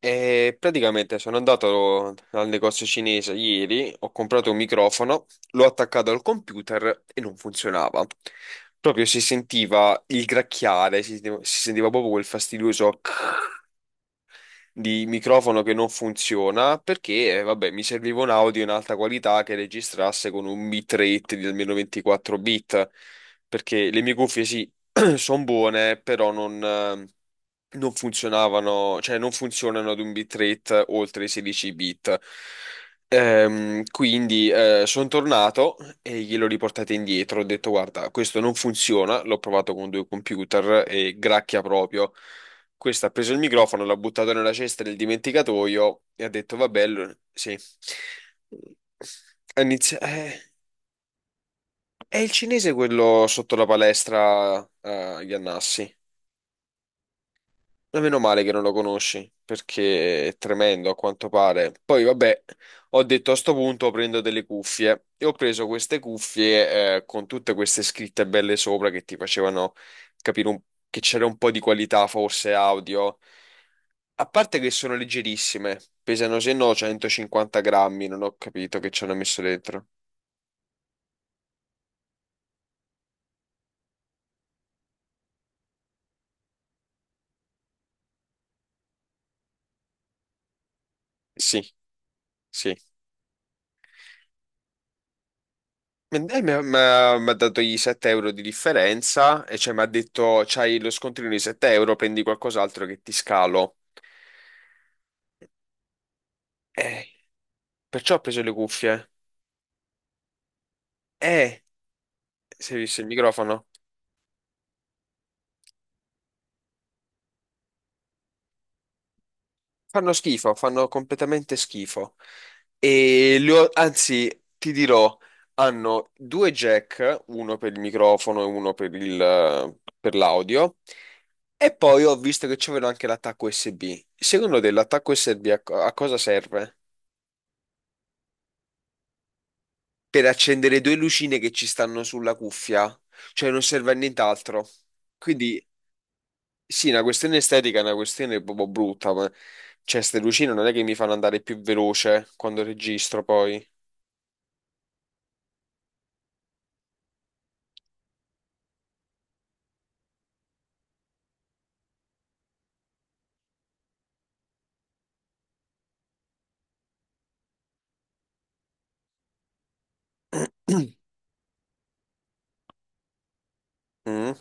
E praticamente sono andato al negozio cinese ieri, ho comprato un microfono, l'ho attaccato al computer e non funzionava. Proprio si sentiva il gracchiare, si sentiva proprio quel fastidioso di microfono che non funziona perché, vabbè, mi serviva un audio in alta qualità che registrasse con un bitrate di almeno 24 bit, perché le mie cuffie sì, sono buone, però non funzionavano, cioè non funzionano ad un bitrate oltre i 16 bit. Quindi sono tornato e glielo riportate indietro. Ho detto: Guarda, questo non funziona. L'ho provato con due computer e gracchia proprio. Questo ha preso il microfono, l'ha buttato nella cesta del dimenticatoio e ha detto: Vabbè, sì. Ha inizi- eh, è il cinese quello sotto la palestra a Iannassi. Ma meno male che non lo conosci, perché è tremendo a quanto pare. Poi, vabbè, ho detto a sto punto prendo delle cuffie e ho preso queste cuffie con tutte queste scritte belle sopra che ti facevano capire che c'era un po' di qualità, forse audio. A parte che sono leggerissime, pesano se no 150 grammi, non ho capito che ci hanno messo dentro. Sì, sì. Ma dai, Mi ha dato i 7 euro di differenza e cioè mi ha detto c'hai lo scontrino di 7 euro, prendi qualcos'altro che ti scalo. Eh, perciò ho preso le cuffie. Eh, si è visto il microfono? Fanno schifo, fanno completamente schifo. Anzi, ti dirò, hanno due jack, uno per il microfono e uno per per l'audio. E poi ho visto che c'avevano anche l'attacco USB. Secondo te l'attacco USB a cosa serve? Per accendere due lucine che ci stanno sulla cuffia, cioè non serve a nient'altro. Quindi sì, una questione estetica è una questione proprio brutta, ma cioè, queste lucine non è che mi fanno andare più veloce quando registro poi. Mm, mm.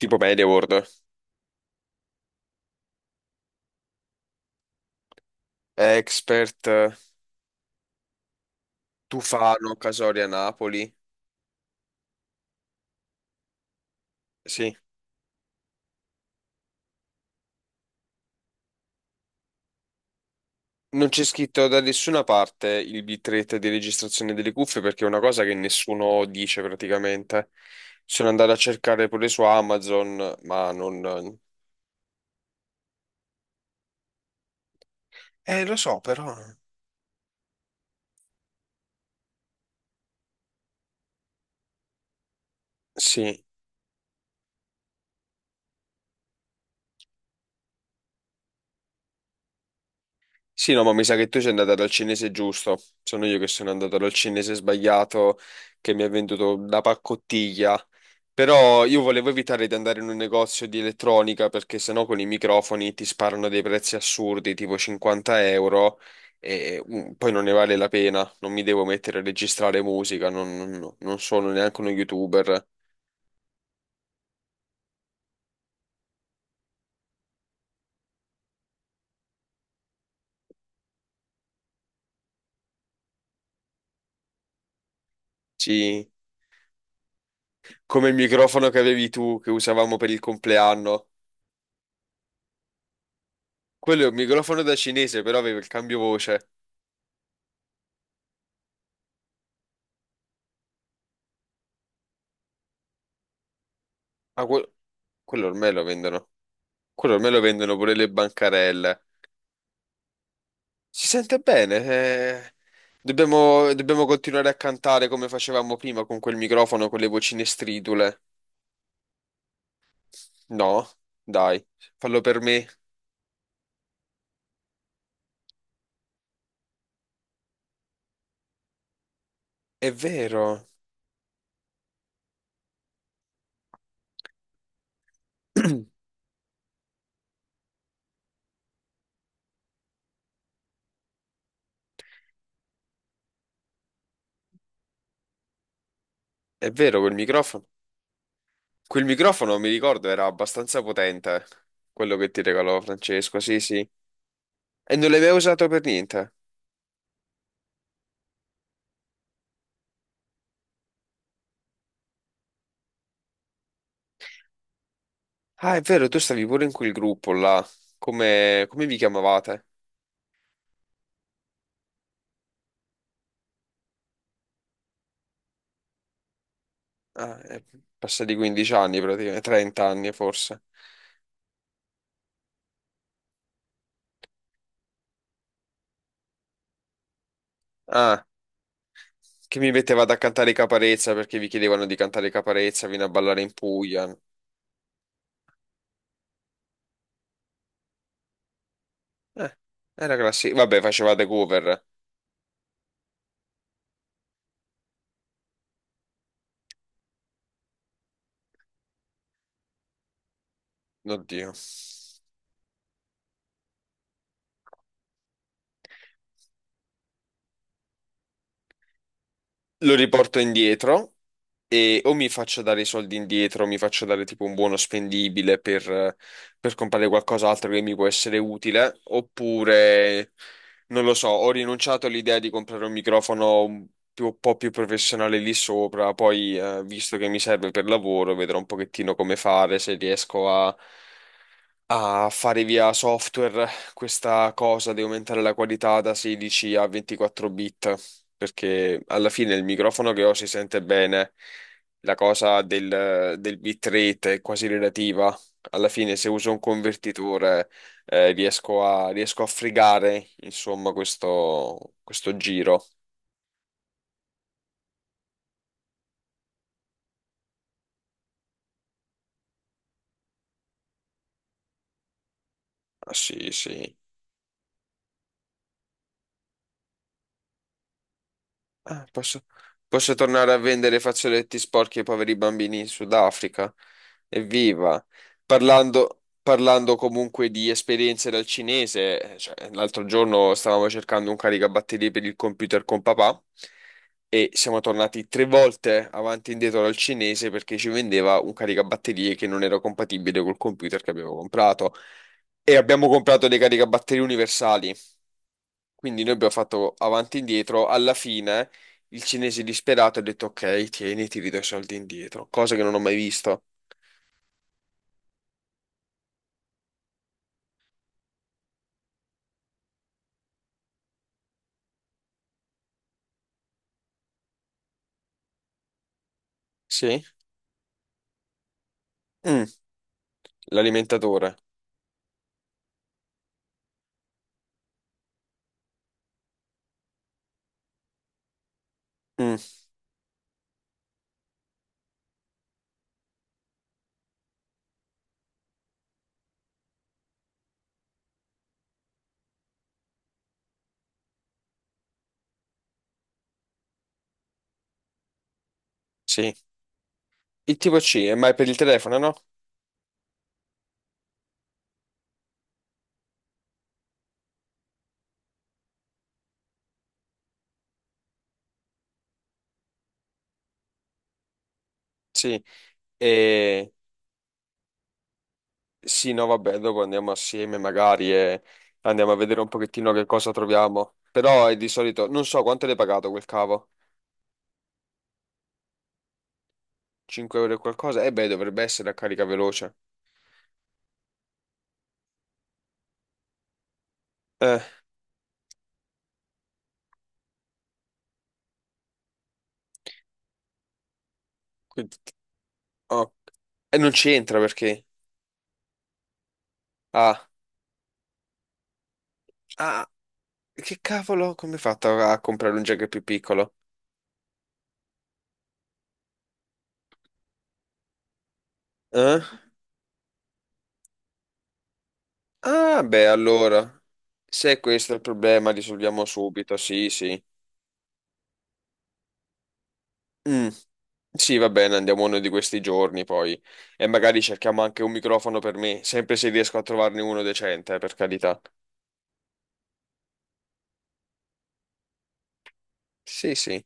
Tipo media world. Expert, Tufano, Casoria, Napoli. Sì. Non c'è scritto da nessuna parte il bitrate di registrazione delle cuffie perché è una cosa che nessuno dice praticamente. Sono andato a cercare pure su Amazon, ma non... lo so, però... Sì. Sì, no, ma mi sa che tu sei andata dal cinese giusto. Sono io che sono andato dal cinese sbagliato che mi ha venduto la paccottiglia. Però io volevo evitare di andare in un negozio di elettronica perché sennò con i microfoni ti sparano dei prezzi assurdi, tipo 50 euro, e poi non ne vale la pena. Non mi devo mettere a registrare musica, no, non sono neanche uno youtuber. Sì, come il microfono che avevi tu, che usavamo per il compleanno. Quello è un microfono da cinese, però aveva il cambio voce. Ah, que- Quello ormai lo vendono. Quello ormai lo vendono pure le bancarelle. Si sente bene. Dobbiamo continuare a cantare come facevamo prima con quel microfono, con le vocine stridule. No, dai, fallo per me. È vero, è vero quel microfono. Quel microfono, mi ricordo, era abbastanza potente. Quello che ti regalò Francesco, sì, sì. E non l'hai mai usato per niente. Ah, è vero, tu stavi pure in quel gruppo là. Come, come vi chiamavate? Ah, è passati 15 anni praticamente, 30 anni forse. Ah. Che mi mettevate a cantare i Caparezza perché vi chiedevano di cantare i Caparezza, vieni a ballare in Puglia. Eh, era classico. Vabbè, facevate cover. Oddio. Lo riporto indietro. E o mi faccio dare i soldi indietro, o mi faccio dare tipo un buono spendibile per comprare qualcos'altro che mi può essere utile, oppure non lo so, ho rinunciato all'idea di comprare un microfono un po' più professionale lì sopra, poi visto che mi serve per lavoro, vedrò un pochettino come fare, se riesco a fare via software questa cosa di aumentare la qualità da 16 a 24 bit, perché alla fine il microfono che ho si sente bene, la cosa del bitrate è quasi relativa. Alla fine se uso un convertitore riesco a fregare, insomma, questo giro. Ah, sì, sì. Ah, posso tornare a vendere fazzoletti sporchi ai poveri bambini in Sudafrica? Evviva! Parlando comunque di esperienze dal cinese, cioè, l'altro giorno stavamo cercando un caricabatterie per il computer con papà e siamo tornati tre volte avanti e indietro dal cinese perché ci vendeva un caricabatterie che non era compatibile col computer che avevo comprato. E abbiamo comprato dei caricabatterie universali. Quindi noi abbiamo fatto avanti e indietro. Alla fine il cinese disperato ha detto: Ok, tieni, ti ridò i soldi indietro. Cosa che non ho mai visto. Sì? Mm, l'alimentatore. Mm, sì. Il tipo C, ma è per il telefono, no? Sì. E sì, no, vabbè, dopo andiamo assieme magari e andiamo a vedere un pochettino che cosa troviamo. Però è di solito, non so quanto l'hai pagato quel cavo. 5 euro e qualcosa? Eh beh, dovrebbe essere a carica veloce. Eh, quindi... oh. E non c'entra perché... Ah. Ah, che cavolo, come hai fatto a comprare un jack più piccolo? Eh? Ah, beh, allora, se questo è il problema, risolviamo subito, sì, sì. Mm, sì, va bene, andiamo uno di questi giorni poi. E magari cerchiamo anche un microfono per me, sempre se riesco a trovarne uno decente, per carità. Sì, sì.